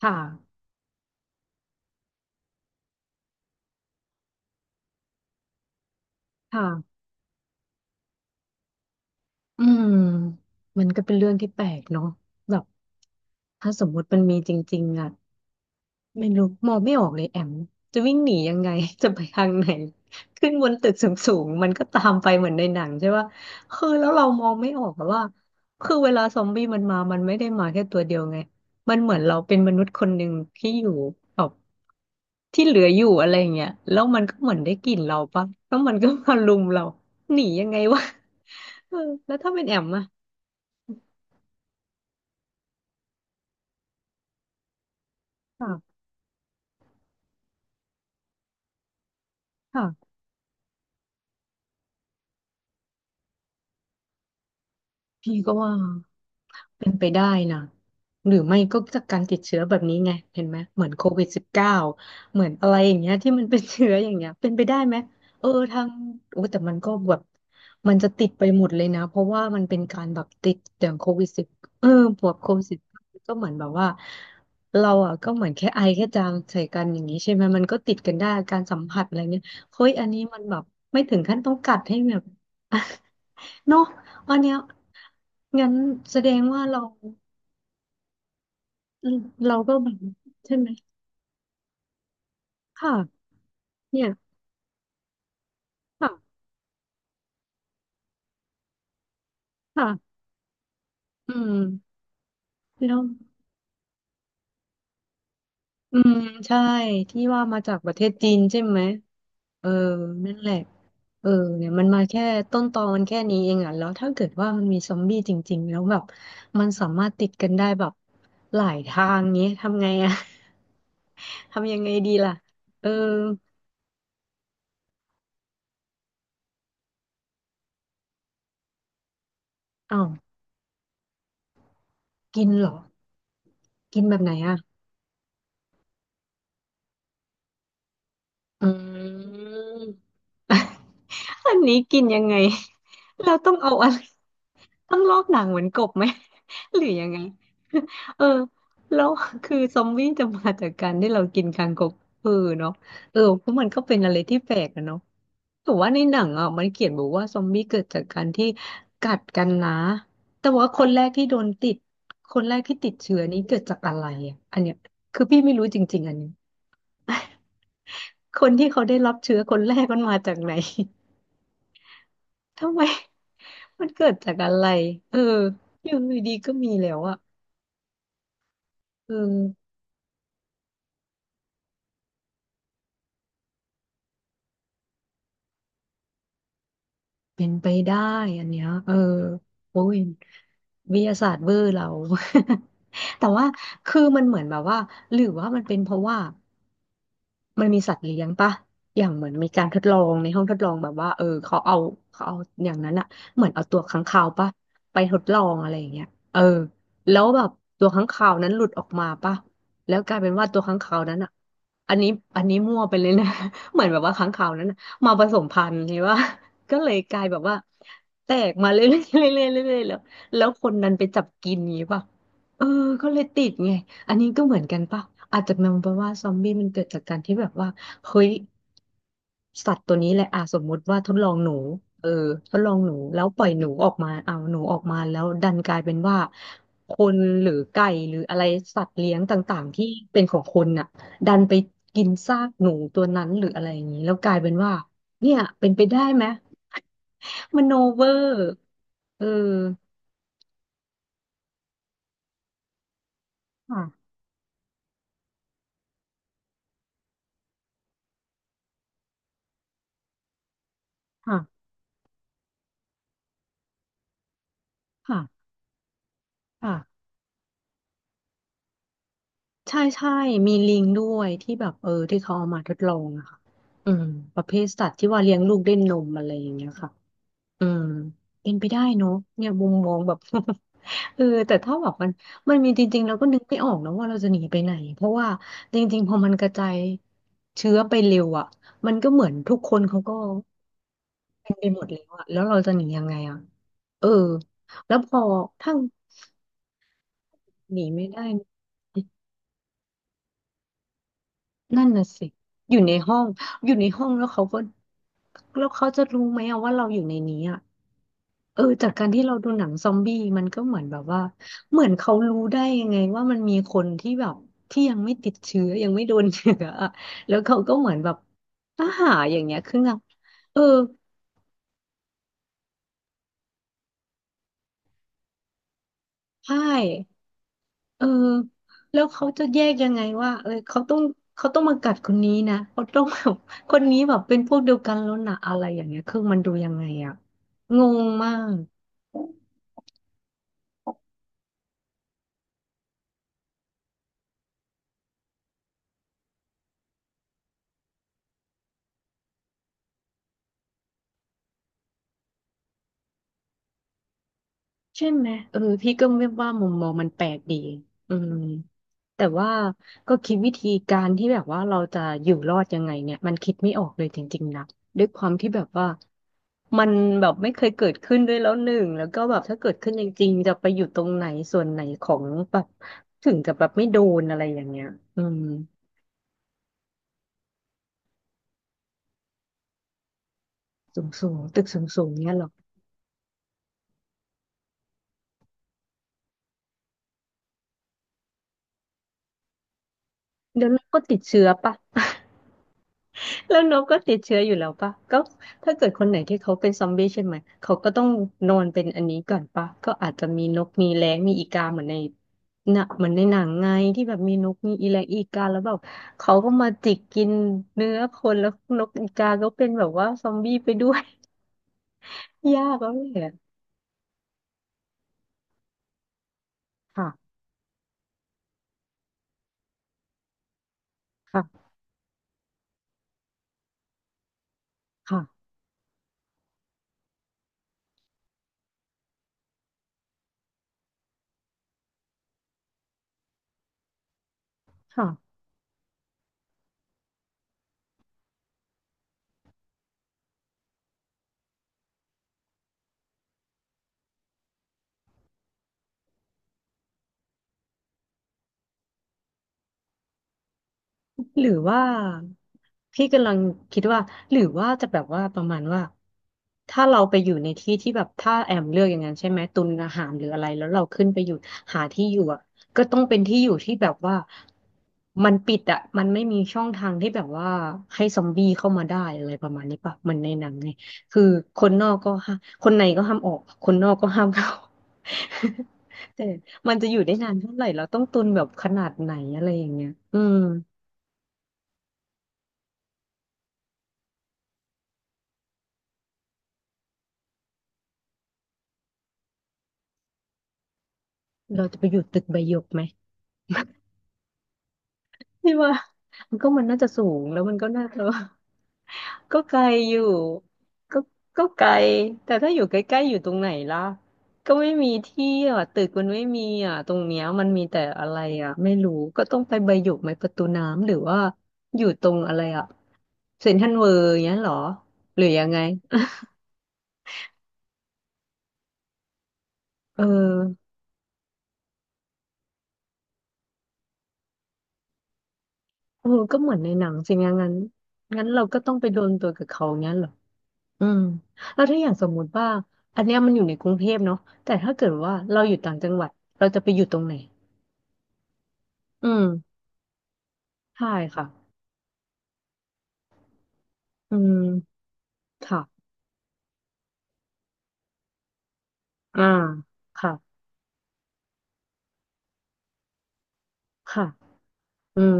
ค่ะค่ะอืมมันก็เป็นเรื่องที่แปลกเนาะแบบ ถ้าสมมุติมันมีจริงๆอ่ะ ไม่รู้มองไม่ออกเลยแอมจะวิ่งหนียังไง จะไปทางไหนขึ้นบนตึกสูงๆมันก็ตามไปเหมือนในหนังใช่ป่ะคือแล้วเรามองไม่ออกอะว่าคือเวลาซอมบี้มันมามันไม่ได้มาแค่ตัวเดียวไงมันเหมือนเราเป็นมนุษย์คนหนึ่งที่อยู่แบบที่เหลืออยู่อะไรอย่างเงี้ยแล้วมันก็เหมือนได้กลิ่นเราปะแล้วมันก็มารุมเราหนียังไงวะ เออแล้วถ้าเป็นแอมอะค่ะค่ะพี่ก็ว่า เป็นไปได้นะหรือไม่ก็จากการติดเชื้อแบบนี้ไงเห็นไหมเหมือนCOVID-19เหมือนอะไรอย่างเงี้ยที่มันเป็นเชื้ออย่างเงี้ยเป็นไปได้ไหมเออทางโอ้แต่มันก็แบบมันจะติดไปหมดเลยนะเพราะว่ามันเป็นการแบบติดอย่างโควิดสิบเออพวกโควิดสิบก็เหมือนแบบว่าเราอ่ะก็เหมือนแค่ไอแค่จามใส่กันอย่างนี้ใช่ไหมมันก็ติดกันได้การสัมผัสอะไรเงี้ยเฮ้ยอันนี้มันแบบไม่ถึงขั้นต้องกัดให้แบบ เนาะอันเนี้ยงั้นแสดงว่าเราเราก็แบบใช่ไหมค่ะเนี่ยค่ะค่ะอืมแล้วอืมใช่ที่ว่ามาจากประเทศจีนใช่ไหมเออนั่นแหละเออเนี่ยมันมาแค่ต้นตอมันแค่นี้เองอ่ะแล้วถ้าเกิดว่ามันมีซอมบี้จริงๆแล้วแบบมันสามารถติดกันได้แบบหลายทางเนี้ยทำไงอ่ะ ทำยังไงดีล่ะเอออ้าวกินเหรอกินแบบไหนอ่ะ อืมอันนี้กินยังไงเราต้องเอาอะไรต้องลอกหนังเหมือนกบไหม หรือยังไง เออแล้วคือซอมบี้จะมาจากการที่เรากินคางคกเออเนาะเออเพราะมันก็เป็นอะไรที่แปลกอะเนาะแต่ว่าในหนังอ่ะมันเขียนบอกว่าซอมบี้เกิดจากการที่กัดกันนะ แต่ว่าคนแรกที่โดนติด คนแรกที่ติดเชื้อนี้เกิดจากอะไรอ่ะอันเนี้ยคือพี่ไม่รู้จริงๆอันนี้ คนที่เขาได้รับเชื้อคนแรกมันมาจากไหน ทำไม มันเกิดจากอะไรเอออยู่ดีๆก็มีแล้วอะเออเป็นไปได้อันเนี้ยเออโอ้ยวิทยาศาสตร์เวอร์เรา แต่ว่าคือมันเหมือนแบบว่าหรือว่ามันเป็นเพราะว่า มันมีสัตว์เลี้ยงปะอย่างเหมือนมีการทดลองในห้องทดลองแบบว่าเออเขาเอาเขาเอาอย่างนั้นอะเหมือนเอาตัวค้างคาวปะไปทดลองอะไรอย่างเงี้ยเออแล้วแบบตัวค้างคาวนั้นหลุดออกมาปะแล้วกลายเป็นว่าตัวค้างคาวนั้นอะอันนี้อันนี้มั่วไปเลยนะ เหมือนแบบว่าค้างคาวนั้นอะมาผสมพันธุ์ใช่ปะ ก็เลยกลายแบบว่าแตกมาเรื่อยๆเรื่อยๆเรื่อยๆแล้วแล้วคนนั้นไปจับกินอย่างงี้ปะ เออก็เลยติดไงอันนี้ก็เหมือนกันป่ะอาจจะมองไปว่าซอมบี้มันเกิดจากการที่แบบว่าเฮ้ยสัตว์ตัวนี้แหละอ่ะสมมุติว่าทดลองหนูเออทดลองหนูแล้วปล่อยหนูออกมาเอาหนูออกมาแล้วดันกลายเป็นว่าคนหรือไก่หรืออะไรสัตว์เลี้ยงต่างๆที่เป็นของคนน่ะดันไปกินซากหนูตัวนั้นหรืออะไรอย่างนี้แล้วกลายเป็นว่าเนี่ยเป็นไปได้ไหมมโนเวอร์เออค่ะค่ะค่ะค่ะ ใช่ใช่มีลิงด้วยที่แบบเออที่เขาเอามาทดลองอะค่ะอืมประเภทสัตว์ที่ว่าเลี้ยงลูกด้วยนมอะไรอย่างเงี้ยค่ะอืมเป็นไปได้เนาะเนี่ยมุมมองแบบ เออแต่ถ้าแบบมันมีจริงๆเราก็นึกไม่ออกนะว่าเราจะหนีไปไหนเพราะว่าจริงๆพอมันกระจายเชื้อไปเร็วอ่ะมันก็เหมือนทุกคนเขาก็เป็นไปหมดแล้วอ่ะแล้วเราจะหนียังไงอ่ะเออแล้วพอถ้าหนีไม่ได้ นั่นน่ะสิอยู่ในห้องอยู่ในห้องแล้วเขาก็แล้วเขาจะรู้ไหมอะว่าเราอยู่ในนี้อะเออจากการที่เราดูหนังซอมบี้มันก็เหมือนแบบว่าเหมือนเขารู้ได้ยังไงว่ามันมีคนที่แบบที่ยังไม่ติดเชื้อยังไม่โดนเชื้ออะแล้วเขาก็เหมือนแบบอาหารอย่างเงี้ยคือนางเออใช่ เออแล้วเขาจะแยกยังไงว่าเขาต้องมากัดคนนี้นะเขาต้องแบบคนนี้แบบเป็นพวกเดียวกันแล้วนะอะไรอย่างเงี้ยคือมันดูยังไงอะงงมาก ใช่ไหมพี่ก็ไม่ว่ามุมมองมันแปลกดีอืมแต่ว่าก็คิดวิธีการที่แบบว่าเราจะอยู่รอดยังไงเนี่ยมันคิดไม่ออกเลยจริงๆนะด้วยความที่แบบว่ามันแบบไม่เคยเกิดขึ้นด้วยแล้วหนึ่งแล้วก็แบบถ้าเกิดขึ้นจริงๆจะไปอยู่ตรงไหนส่วนไหนของแบบถึงจะแบบไม่โดนอะไรอย่างเงี้ยอืมสูงๆตึกสูงๆเนี่ยหรอเดี๋ยวนั้นก็ติดเชื้อปะ แล้วนกก็ติดเชื้ออยู่แล้วปะก็ถ้าเกิดคนไหนที่เขาเป็นซอมบี้ใช่ไหมเขาก็ต้องนอนเป็นอันนี้ก่อนปะก็อาจจะมีนกมีแร้งมีอีกาเหมือนในหนะเหมือนในหนังไงที่แบบมีนกมีอีแร้งอีกาแล้วแบบเขาก็มาจิกกินเนื้อคนแล้วนกอีกาก็เป็นแบบว่าซอมบี้ไปด้วย ยากแล้วแหละค่ะค่ะค่ะค่ะ หรือว่าพี่กำลังคิดว่าหรือว่าจะแบบว่าประมาณว่าถ้าเราไปอยู่ในที่ที่แบบถ้าแอมเลือกอย่างนั้นใช่ไหมตุนอาหารหรืออะไรแล้วเราขึ้นไปอยู่หาที่อยู่อ่ะก็ต้องเป็นที่อยู่ที่แบบว่ามันปิดอ่ะมันไม่มีช่องทางที่แบบว่าให้ซอมบี้เข้ามาได้อะไรประมาณนี้ป่ะเหมันในหนังไงคือคนนอกก็ห้าคนในก็ห้ามออกคนนอกก็ห้ามเข้า แต่มันจะอยู่ได้นานเท่าไหร่เราต้องตุนแบบขนาดไหนอะไรอย่างเงี้ยอืม เราจะไปอยู่ตึกใบหยกไหมไม่ว่า มันก็มันน่าจะสูงแล้วมันก็น่าจะ ก็ไกลอยู่ก็ไกลแต่ถ้าอยู่ใกล้ๆอยู่ตรงไหนล่ะก็ไม่มีที่อ่ะตึกมันไม่มีอ่ะตรงเนี้ยมันมีแต่อะไรอ่ะไม่รู้ก็ต้องไปใบหยกไหมประตูน้ำหรือว่าอยู่ตรงอะไรอ่ะเซ็นทรัลเวิลด์อย่างเงี้ยเหรอหรือยังไงเออเออก็เหมือนในหนังจริงงั้นงั้นงั้นเราก็ต้องไปโดนตัวกับเขางั้นเหรอ อืมแล้วถ้าอย่างสมมุติว่าอันเนี้ยมันอยู่ในกรุงเทพเนาะแต่ถ้าเกิดว่าเราอยู่ต่างจังหวัดเราจะไปอยู่ตรงไหนอืมใช่ค่ะอืมค่ะอ่าค่ะค่ะอืม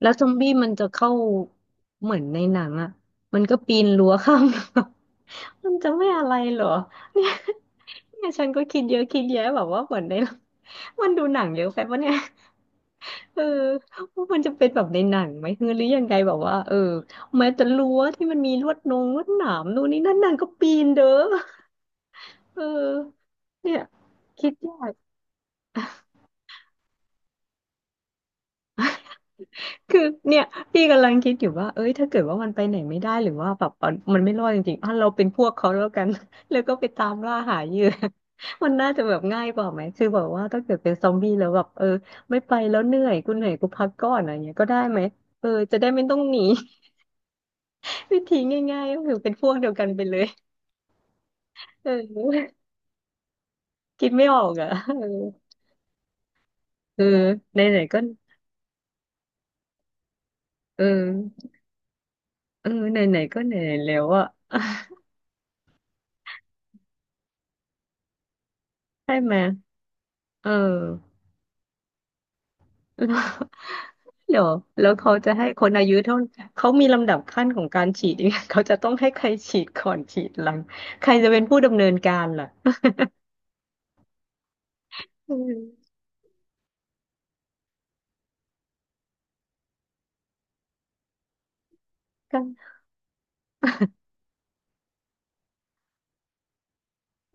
แล้วซอมบี้มันจะเข้าเหมือนในหนังอ่ะมันก็ปีนรั้วข้าม รั้วมันจะไม่อะไรเหรอเนี่ยเนี่ยฉันก็คิดเยอะคิดแยะแบบว่าเหมือนใน มันดูหนังเยอะไปปะเนี่ย เออว่ามันจะเป็นแบบในหนังไหมคือหรือยังไงแบบว่าเออแม้แต่รั้วที่มันมีลวดนงลวดหนามนู่นนี่นั่นนางก็ปีนเด้อเออเนี่ยคิดยากคือเนี่ยพี่กำลังคิดอยู่ว่าเอ้ยถ้าเกิดว่ามันไปไหนไม่ได้หรือว่าแบบมันไม่รอดจริงๆอ่ะเราเป็นพวกเขาแล้วกัน แล้วก็ไปตามล่าหาเหยื่อ มันน่าจะแบบง่ายกว่าไหมคือแบบว่าถ้าเกิดเป็นซอมบี้แล้วแบบเออไม่ไปแล้วเหนื่อยกูเหนื่อยกูพักก่อนอะไรเงี้ยก็ได้ไหมเออจะได้ไม่ต้องหนี วิธีง่ายๆก็คือเป็นพวกเดียวกันไปเลยเออคิดไม่ออกอ่ะเออเออไหนๆก็เออเออไหนๆก็ไหนๆแล้วอ่ะใช่ไหมเออ แล้วเดี๋ยวแล้วเขาจะให้คนอายุเท่าเขามีลำดับขั้นของการฉีดยังไงเขาจะต้องให้ใครฉีดก่อนฉีดหลังใครจะเป็นผู้ดำเนินการล่ะเออก็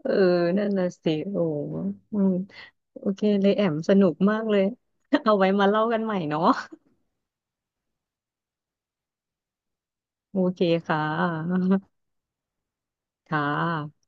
เออนั่นน่ะสิโอ้อืมโอเคเลยแอมสนุกมากเลย เอาไว้มาเล่ากันใหม่เนาะ โอเคค่ะ ค่ะ